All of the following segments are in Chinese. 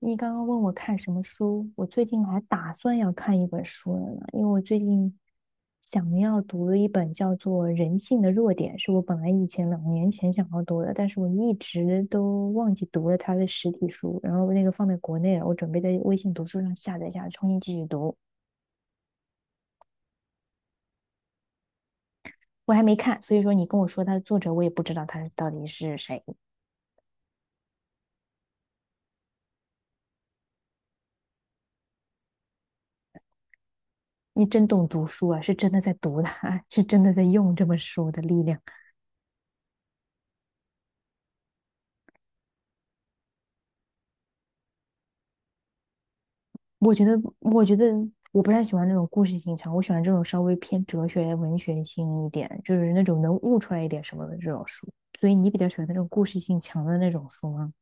你刚刚问我看什么书，我最近还打算要看一本书了呢，因为我最近想要读的一本叫做《人性的弱点》，是我本来以前2年前想要读的，但是我一直都忘记读了它的实体书，然后那个放在国内了，我准备在微信读书上下载下来，重新继续读。我还没看，所以说你跟我说它的作者，我也不知道他到底是谁。你真懂读书啊，是真的在读它，是真的在用这本书的力量。我觉得我不太喜欢那种故事性强，我喜欢这种稍微偏哲学、文学性一点，就是那种能悟出来一点什么的这种书。所以你比较喜欢那种故事性强的那种书吗？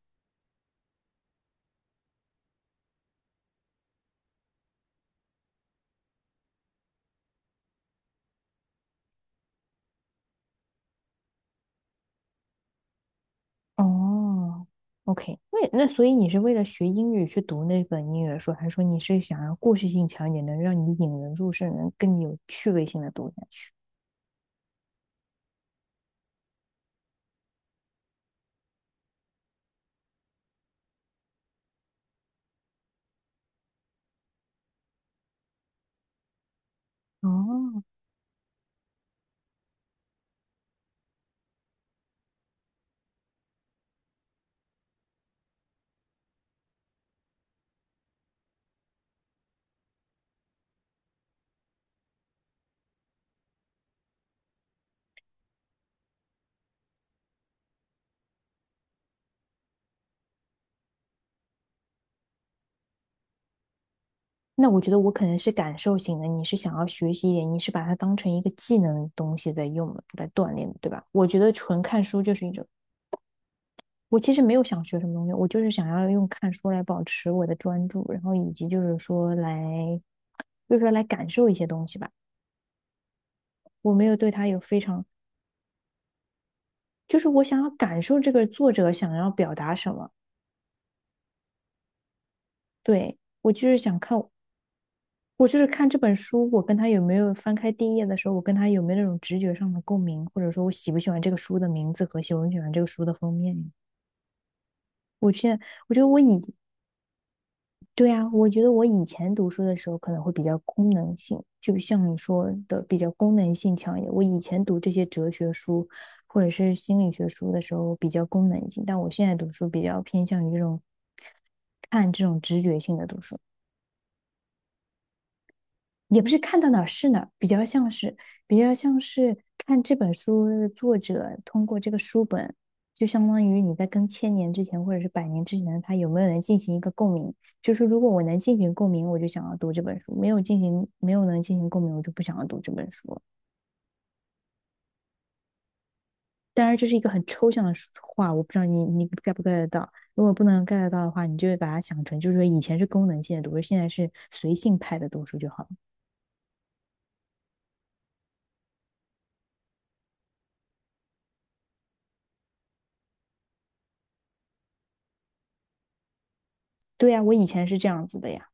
哦，OK，那所以你是为了学英语去读那本英语的书，还是说你是想要故事性强一点，能让你引人入胜，能更有趣味性的读下去？哦，那我觉得我可能是感受型的，你是想要学习一点，你是把它当成一个技能东西在用来锻炼的，对吧？我觉得纯看书就是一种，我其实没有想学什么东西，我就是想要用看书来保持我的专注，然后以及就是说来感受一些东西吧。我没有对它有非常，就是我想要感受这个作者想要表达什么。对，我就是想看，我就是看这本书，我跟他有没有翻开第一页的时候，我跟他有没有那种直觉上的共鸣，或者说我喜不喜欢这个书的名字和喜不喜欢这个书的封面。我觉得我以，对啊，我觉得我以前读书的时候可能会比较功能性，就像你说的比较功能性强一点。我以前读这些哲学书或者是心理学书的时候比较功能性，但我现在读书比较偏向于这种看这种直觉性的读书。也不是看到哪儿是哪儿，比较像是看这本书的作者通过这个书本，就相当于你在跟千年之前或者是百年之前的他有没有能进行一个共鸣。就是如果我能进行共鸣，我就想要读这本书；没有能进行共鸣，我就不想要读这本书。当然，这是一个很抽象的话，我不知道你 get 不 get 得到。如果不能 get 得到的话，你就会把它想成，就是说以前是功能性的读书，现在是随性派的读书就好了。对呀，啊我以前是这样子的呀。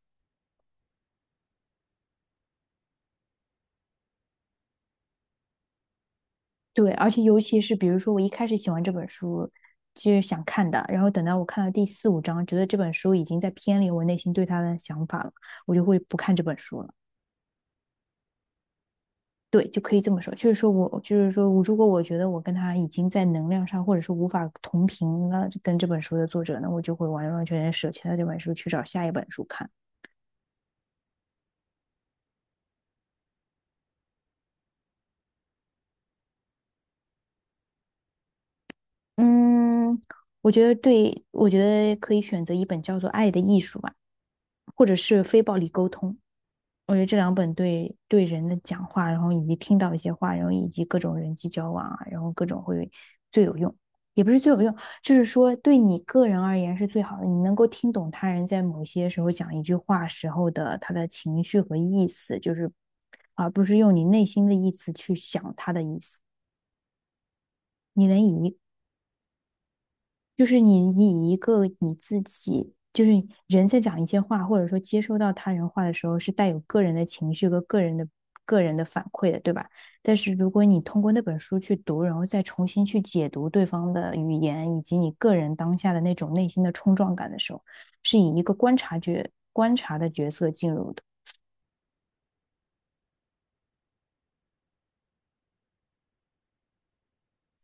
对，而且尤其是比如说，我一开始喜欢这本书，其实想看的，然后等到我看到第四五章，觉得这本书已经在偏离我内心对它的想法了，我就会不看这本书了。对，就可以这么说，就是说我，如果我觉得我跟他已经在能量上，或者是无法同频了，跟这本书的作者呢，我就会完完全全舍弃了这本书，去找下一本书看。嗯，我觉得对，我觉得可以选择一本叫做《爱的艺术》吧，或者是《非暴力沟通》。我觉得这两本对人的讲话，然后以及听到一些话，然后以及各种人际交往啊，然后各种会最有用，也不是最有用，就是说对你个人而言是最好的。你能够听懂他人在某些时候讲一句话时候的他的情绪和意思，就是而不是用你内心的意思去想他的意思。你能以一就是你以一个你自己，就是人在讲一些话，或者说接收到他人话的时候，是带有个人的情绪和个人的反馈的，对吧？但是如果你通过那本书去读，然后再重新去解读对方的语言，以及你个人当下的那种内心的冲撞感的时候，是以一个观察觉观察的角色进入的。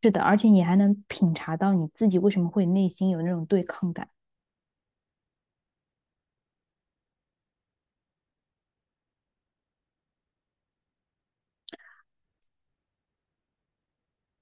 是的，而且你还能品察到你自己为什么会内心有那种对抗感。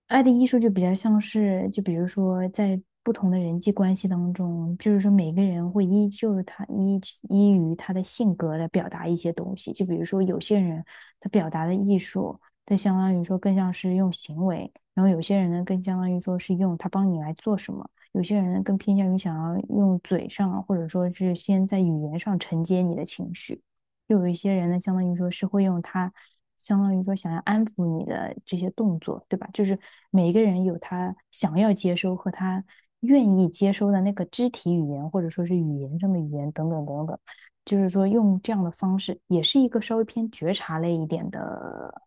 爱的艺术就比较像是，就比如说在不同的人际关系当中，就是说每个人会依就是他依依于他的性格来表达一些东西。就比如说有些人他表达的艺术，他相当于说更像是用行为，然后有些人呢更相当于说是用他帮你来做什么，有些人呢更偏向于想要用嘴上或者说是先在语言上承接你的情绪，又有一些人呢相当于说是会用他，相当于说想要安抚你的这些动作，对吧？就是每一个人有他想要接收和他愿意接收的那个肢体语言，或者说是语言上的语言等等等等。就是说用这样的方式，也是一个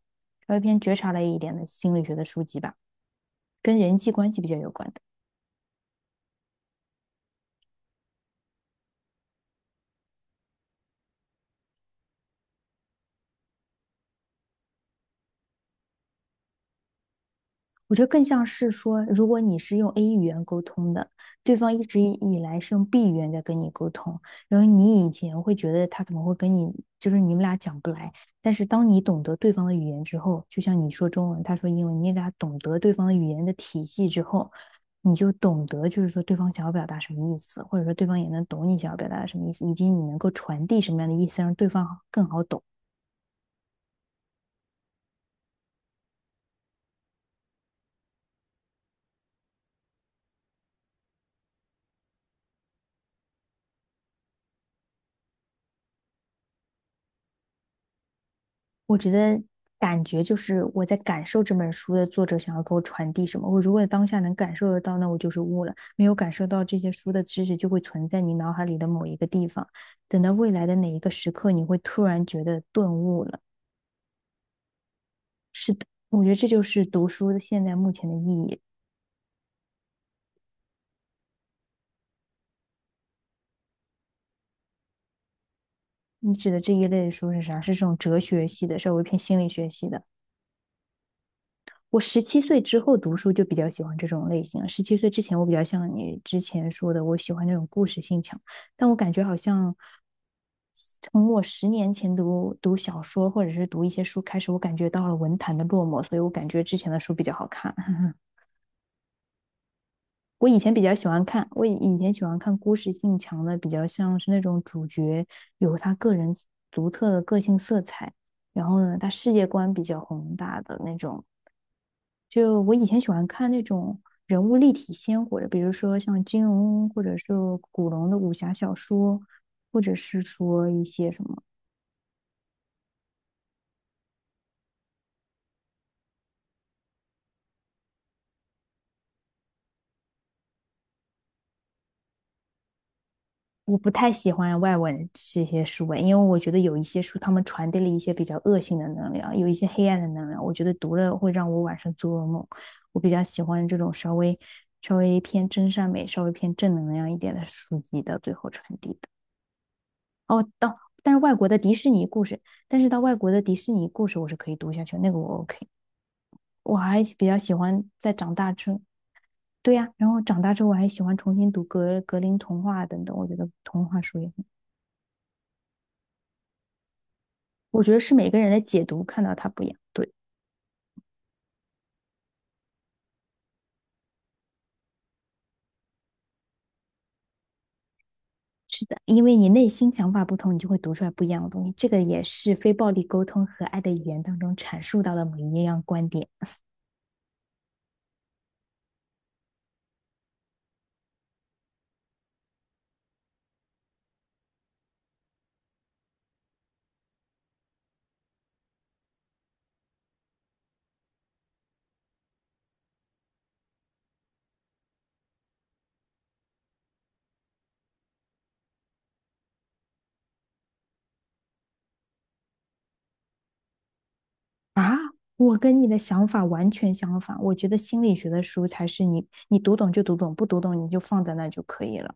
稍微偏觉察类一点的心理学的书籍吧，跟人际关系比较有关的。我觉得更像是说，如果你是用 A 语言沟通的，对方一直以来是用 B 语言在跟你沟通，然后你以前会觉得他怎么会跟你，就是你们俩讲不来，但是当你懂得对方的语言之后，就像你说中文，他说英文，你俩懂得对方的语言的体系之后，你就懂得就是说对方想要表达什么意思，或者说对方也能懂你想要表达什么意思，以及你能够传递什么样的意思，让对方更好懂。我觉得感觉就是我在感受这本书的作者想要给我传递什么。我如果当下能感受得到，那我就是悟了；没有感受到这些书的知识，就会存在你脑海里的某一个地方。等到未来的哪一个时刻，你会突然觉得顿悟了。是的，我觉得这就是读书的现在目前的意义。你指的这一类的书是啥？是这种哲学系的，稍微偏心理学系的。我17岁之后读书就比较喜欢这种类型了。17岁之前，我比较像你之前说的，我喜欢那种故事性强。但我感觉好像从我10年前读小说或者是读一些书开始，我感觉到了文坛的落寞，所以我感觉之前的书比较好看。我以前比较喜欢看，我以前喜欢看故事性强的，比较像是那种主角有他个人独特的个性色彩，然后呢，他世界观比较宏大的那种。就我以前喜欢看那种人物立体鲜活的，比如说像金庸或者是古龙的武侠小说，或者是说一些什么。我不太喜欢外文这些书诶，因为我觉得有一些书他们传递了一些比较恶性的能量，有一些黑暗的能量，我觉得读了会让我晚上做噩梦。我比较喜欢这种稍微偏真善美、稍微偏正能量一点的书籍的最后传递的。哦，到，但是外国的迪士尼故事，但是到外国的迪士尼故事我是可以读下去，那个我 OK。我还比较喜欢在长大之后，对呀、然后长大之后我还喜欢重新读格林童话等等，我觉得童话书也很，我觉得是每个人的解读看到它不一样。对，是的，因为你内心想法不同，你就会读出来不一样的东西。这个也是非暴力沟通和爱的语言当中阐述到的某一样观点。啊，我跟你的想法完全相反。我觉得心理学的书才是你，你读懂就读懂，不读懂你就放在那就可以了。